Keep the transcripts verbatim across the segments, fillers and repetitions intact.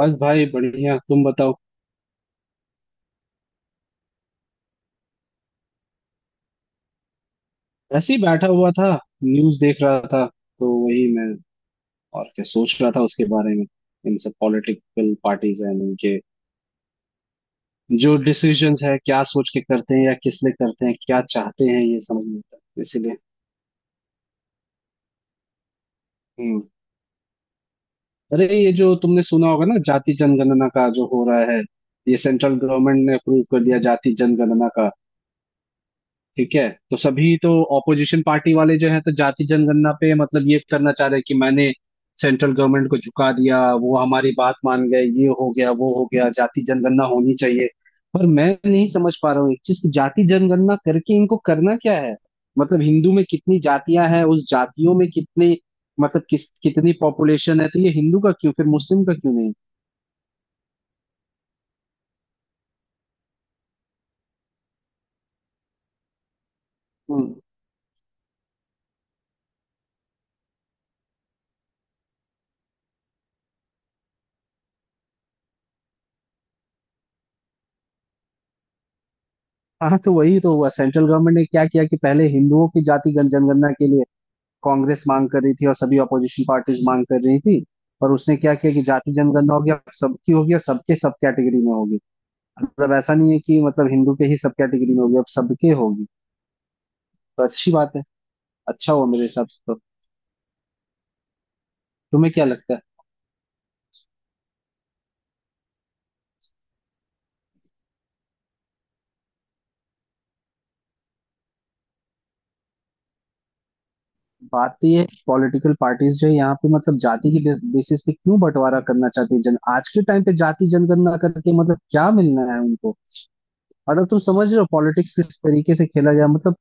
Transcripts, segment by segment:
बस भाई बढ़िया। तुम बताओ। ऐसे ही बैठा हुआ था, न्यूज देख रहा था, तो वही मैं और क्या सोच रहा था उसके बारे में। इन सब पॉलिटिकल पार्टीज हैं, इनके जो डिसीजंस है क्या सोच के करते हैं या किस लिए करते हैं, क्या चाहते हैं ये समझ नहीं आता, इसीलिए। हम्म। अरे ये जो तुमने सुना होगा ना, जाति जनगणना का जो हो रहा है, ये सेंट्रल गवर्नमेंट ने अप्रूव कर दिया जाति जनगणना का। ठीक है, तो सभी तो ऑपोजिशन पार्टी वाले जो है तो जाति जनगणना पे मतलब ये करना चाह रहे हैं कि मैंने सेंट्रल गवर्नमेंट को झुका दिया, वो हमारी बात मान गए, ये हो गया वो हो गया, जाति जनगणना होनी चाहिए। पर मैं नहीं समझ पा रहा हूँ एक चीज की, जाति जनगणना करके इनको करना क्या है। मतलब हिंदू में कितनी जातियां हैं, उस जातियों में कितने मतलब किस कितनी पॉपुलेशन है, तो ये हिंदू का क्यों, फिर मुस्लिम का क्यों नहीं। हम्म। हाँ, तो वही तो हुआ, सेंट्रल गवर्नमेंट ने क्या किया कि पहले हिंदुओं की जाति गण- जनगणना के लिए कांग्रेस मांग कर रही थी और सभी अपोजिशन पार्टीज मांग कर रही थी। पर उसने क्या किया कि जाति जनगणना होगी अब सबकी होगी, और सबके सब कैटेगरी में होगी। मतलब ऐसा नहीं है कि मतलब हिंदू के ही सब कैटेगरी में होगी, अब सबके होगी। तो अच्छी बात है, अच्छा हुआ मेरे हिसाब से तो। तुम्हें क्या लगता है? बात तो ये, पॉलिटिकल पार्टीज जो है यहाँ पे मतलब जाति की बेसिस पे क्यों बंटवारा करना चाहती है, जन आज के टाइम पे जाति जनगणना करके मतलब क्या मिलना है उनको। मतलब तुम समझ रहे हो पॉलिटिक्स किस तरीके से खेला गया, मतलब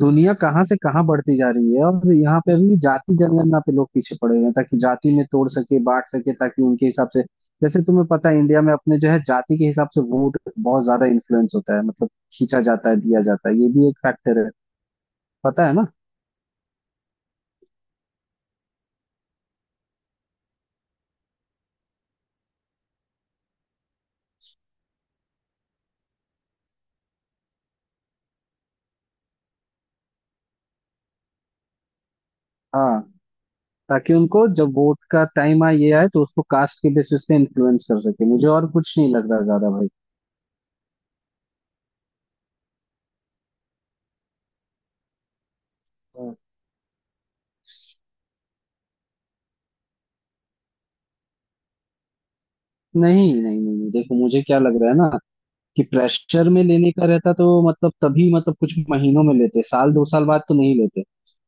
दुनिया कहाँ से कहाँ बढ़ती जा रही है, और यहाँ पे अभी भी जाति जनगणना पे लोग पीछे पड़े हुए हैं, ताकि जाति में तोड़ सके बांट सके, ताकि उनके हिसाब से। जैसे तुम्हें पता है, इंडिया में अपने जो है जाति के हिसाब से वोट बहुत ज्यादा इन्फ्लुएंस होता है, मतलब खींचा जाता है दिया जाता है, ये भी एक फैक्टर है, पता है ना। हाँ, ताकि उनको जब वोट का टाइम आए ये आए, तो उसको कास्ट के बेसिस पे इन्फ्लुएंस कर सके, मुझे और कुछ नहीं लग रहा ज्यादा भाई। हाँ। नहीं नहीं नहीं नहीं, देखो मुझे क्या लग रहा है ना, कि प्रेशर में लेने का रहता तो मतलब तभी, मतलब कुछ महीनों में लेते, साल दो साल बाद तो नहीं लेते।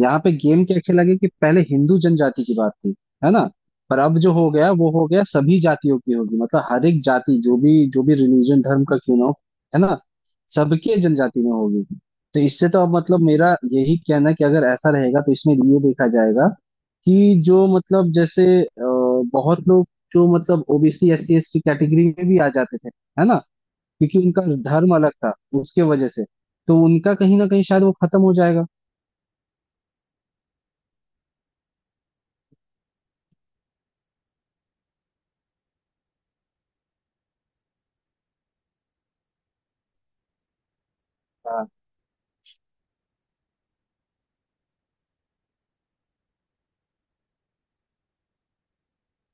यहाँ पे गेम क्या खेला गया, कि पहले हिंदू जनजाति की बात थी, है ना, पर अब जो हो गया वो हो गया, सभी जातियों की होगी, मतलब हर एक जाति जो भी जो भी रिलीजन धर्म का क्यों ना हो, है ना, सबके जनजाति में होगी। तो इससे तो अब मतलब मेरा यही कहना है कि अगर ऐसा रहेगा तो इसमें ये देखा जाएगा कि जो मतलब जैसे अ, बहुत लोग जो मतलब OBC S C S T category में भी आ जाते थे, है ना, क्योंकि उनका धर्म अलग था, उसके वजह से तो उनका कहीं ना कहीं शायद वो खत्म हो जाएगा। हाँ।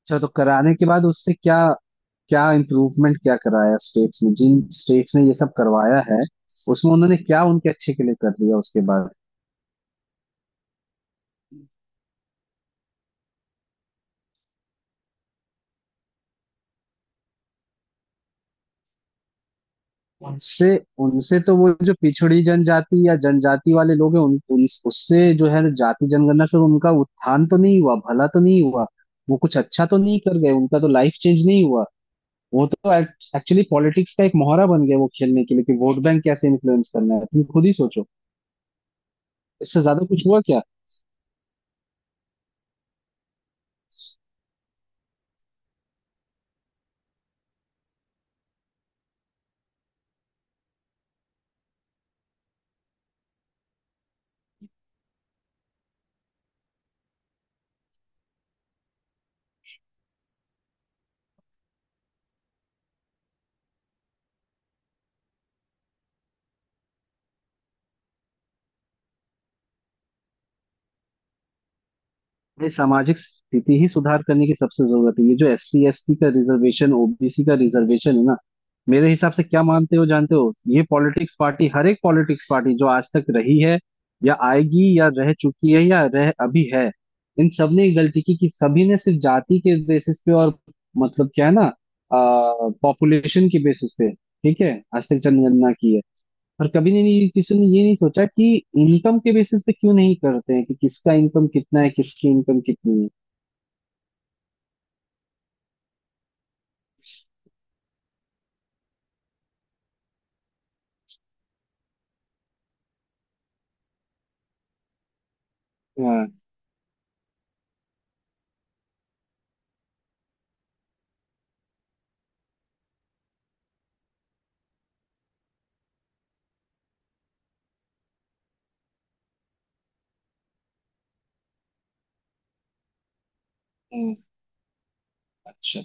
अच्छा, तो कराने के बाद उससे क्या, क्या इम्प्रूवमेंट, क्या कराया स्टेट्स ने, जिन स्टेट्स ने ये सब करवाया है, उसमें उन्होंने क्या उनके अच्छे के लिए कर दिया उसके बाद? उनसे उनसे तो वो जो पिछड़ी जनजाति या जनजाति वाले लोग हैं, उन, उन उससे जो है ना जाति जनगणना से उनका उत्थान तो नहीं हुआ, भला तो नहीं हुआ, वो कुछ अच्छा तो नहीं कर गए, उनका तो लाइफ चेंज नहीं हुआ। वो तो एक्चुअली पॉलिटिक्स का एक मोहरा बन गया वो, खेलने के लिए कि वोट बैंक कैसे इन्फ्लुएंस करना है, तुम खुद ही सोचो, इससे ज्यादा कुछ हुआ क्या? ये सामाजिक स्थिति ही सुधार करने की सबसे जरूरत है। ये जो एस सी एस टी का रिजर्वेशन, ओबीसी का रिजर्वेशन है ना, मेरे हिसाब से क्या मानते हो जानते हो, ये पॉलिटिक्स पार्टी, हर एक पॉलिटिक्स पार्टी जो आज तक रही है या आएगी या रह चुकी है या रह अभी है, इन सब ने ये गलती की कि सभी ने सिर्फ जाति के बेसिस पे और मतलब क्या है ना पॉपुलेशन के बेसिस पे, ठीक है, आज तक जनगणना की है। और कभी नहीं, किसी ने ये नहीं सोचा कि इनकम के बेसिस पे क्यों नहीं करते हैं, कि किसका इनकम कितना है, किसकी इनकम कितनी है। हाँ, हाँ, अच्छा।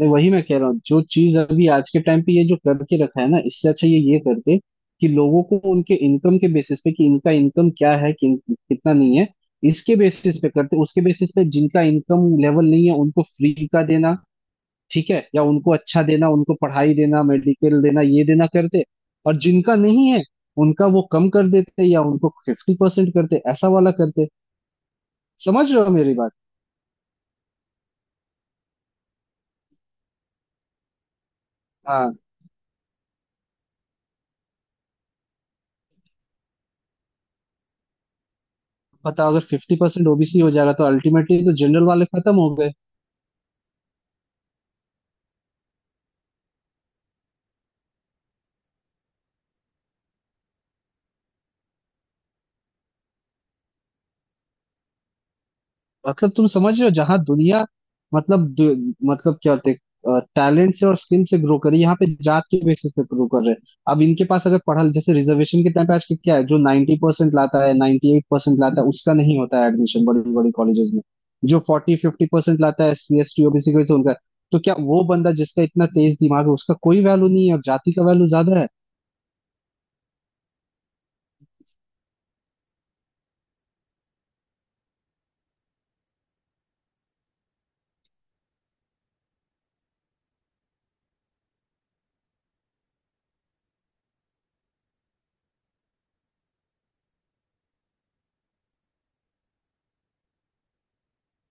नहीं, वही मैं कह रहा हूँ, जो चीज अभी आज के टाइम पे ये जो करके रखा है ना, इससे अच्छा ये ये करते कि लोगों को उनके इनकम के बेसिस पे, कि इनका इनकम क्या है, कि कितना नहीं है, इसके बेसिस पे करते। उसके बेसिस पे जिनका इनकम लेवल नहीं है उनको फ्री का देना, ठीक है, या उनको अच्छा देना, उनको पढ़ाई देना, मेडिकल देना, ये देना करते। और जिनका नहीं है उनका वो कम कर देते, या उनको फिफ्टी परसेंट करते, ऐसा वाला करते। समझ रहे हो मेरी बात? हाँ, बताओ, अगर फिफ्टी परसेंट ओबीसी हो जाएगा, तो अल्टीमेटली तो जनरल वाले खत्म हो गए। मतलब तुम समझ रहे हो, जहां दुनिया मतलब दु, मतलब क्या होते टैलेंट से और स्किल से ग्रो करे, यहाँ पे जात के बेसिस पे ग्रो कर रहे हैं। अब इनके पास, अगर पढ़ा, जैसे रिजर्वेशन के टाइम पे आज के क्या है, जो 90% परसेंट लाता है, ninety eight percent eight percent लाता है, उसका नहीं होता है एडमिशन बड़ी बड़ी कॉलेजेस में, जो फोर्टी 50% परसेंट लाता है सी एस टी ओबीसी को उनका। तो क्या वो बंदा जिसका इतना तेज दिमाग है उसका कोई वैल्यू नहीं है, और जाति का वैल्यू ज्यादा है?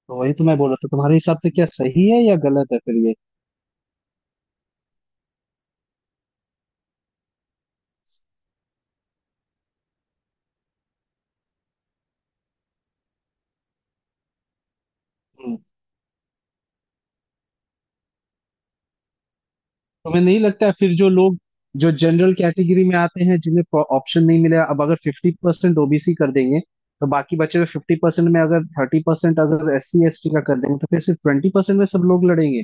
तो वही तो मैं बोल रहा था, तुम्हारे हिसाब से क्या सही है या गलत है फिर? ये तुम्हें नहीं लगता है फिर, जो लोग जो जनरल कैटेगरी में आते हैं, जिन्हें ऑप्शन नहीं मिला, अब अगर फिफ्टी परसेंट ओबीसी कर देंगे, तो बाकी बचे हुए फिफ्टी परसेंट में अगर थर्टी परसेंट अगर एस सी एस टी का कर देंगे, तो फिर सिर्फ ट्वेंटी परसेंट में सब लोग लड़ेंगे।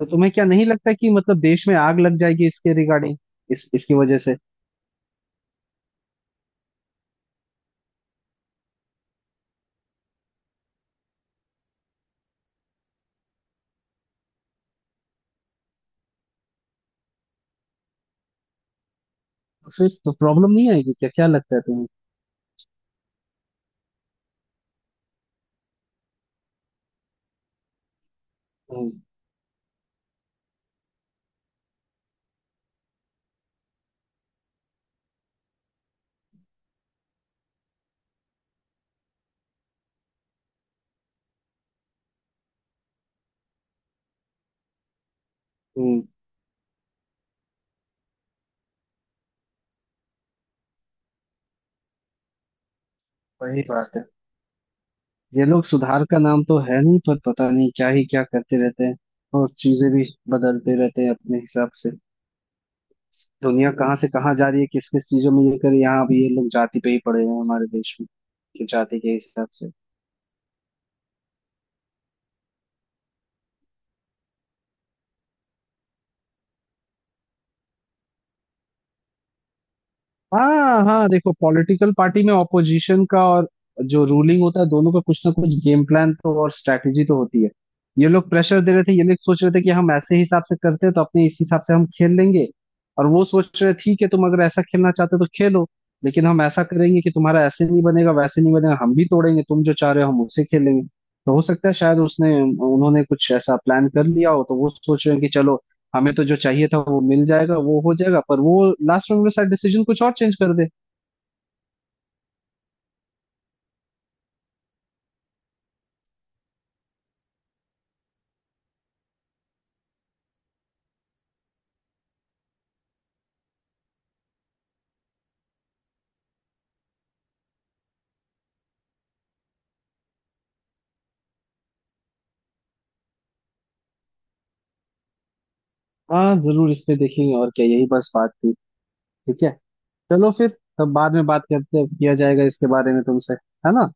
तो तुम्हें क्या नहीं लगता कि मतलब देश में आग लग जाएगी इसके रिगार्डिंग, इस इसकी वजह से? तो फिर तो प्रॉब्लम नहीं आएगी क्या, क्या लगता है तुम्हें? हम्म हम्म। वही बात है, ये लोग सुधार का नाम तो है नहीं, पर पता नहीं क्या ही क्या करते रहते हैं, और चीजें भी बदलते रहते हैं अपने हिसाब से। दुनिया कहाँ से कहाँ जा रही है, किस किस चीजों में लेकर, यहाँ अब ये लोग जाति पे ही पड़े हैं हमारे देश में, कि जाति के हिसाब से। हाँ हाँ, देखो पॉलिटिकल पार्टी में ऑपोजिशन का और जो रूलिंग होता है, दोनों का कुछ ना कुछ गेम प्लान तो और स्ट्रैटेजी तो होती है। ये लोग प्रेशर दे रहे थे, ये लोग सोच रहे थे कि हम ऐसे हिसाब से करते हैं तो अपने इस हिसाब से हम खेल लेंगे, और वो सोच रहे ठीक है, तुम अगर ऐसा खेलना चाहते हो तो खेलो, लेकिन हम ऐसा करेंगे कि तुम्हारा ऐसे नहीं बनेगा वैसे नहीं बनेगा, हम भी तोड़ेंगे, तुम जो चाह रहे हो हम उसे खेलेंगे। तो हो सकता है शायद उसने उन्होंने कुछ ऐसा प्लान कर लिया हो, तो वो सोच रहे हैं कि चलो हमें तो जो चाहिए था वो मिल जाएगा, वो हो जाएगा, पर वो लास्ट में मेरे साथ डिसीजन कुछ और चेंज कर दे। हाँ जरूर, इसमें देखेंगे, और क्या, यही बस बात थी? ठीक है, चलो फिर, तब बाद में बात करते, किया जाएगा इसके बारे में तुमसे, है ना?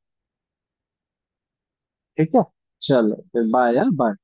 ठीक है, चलो फिर, बाय बाय।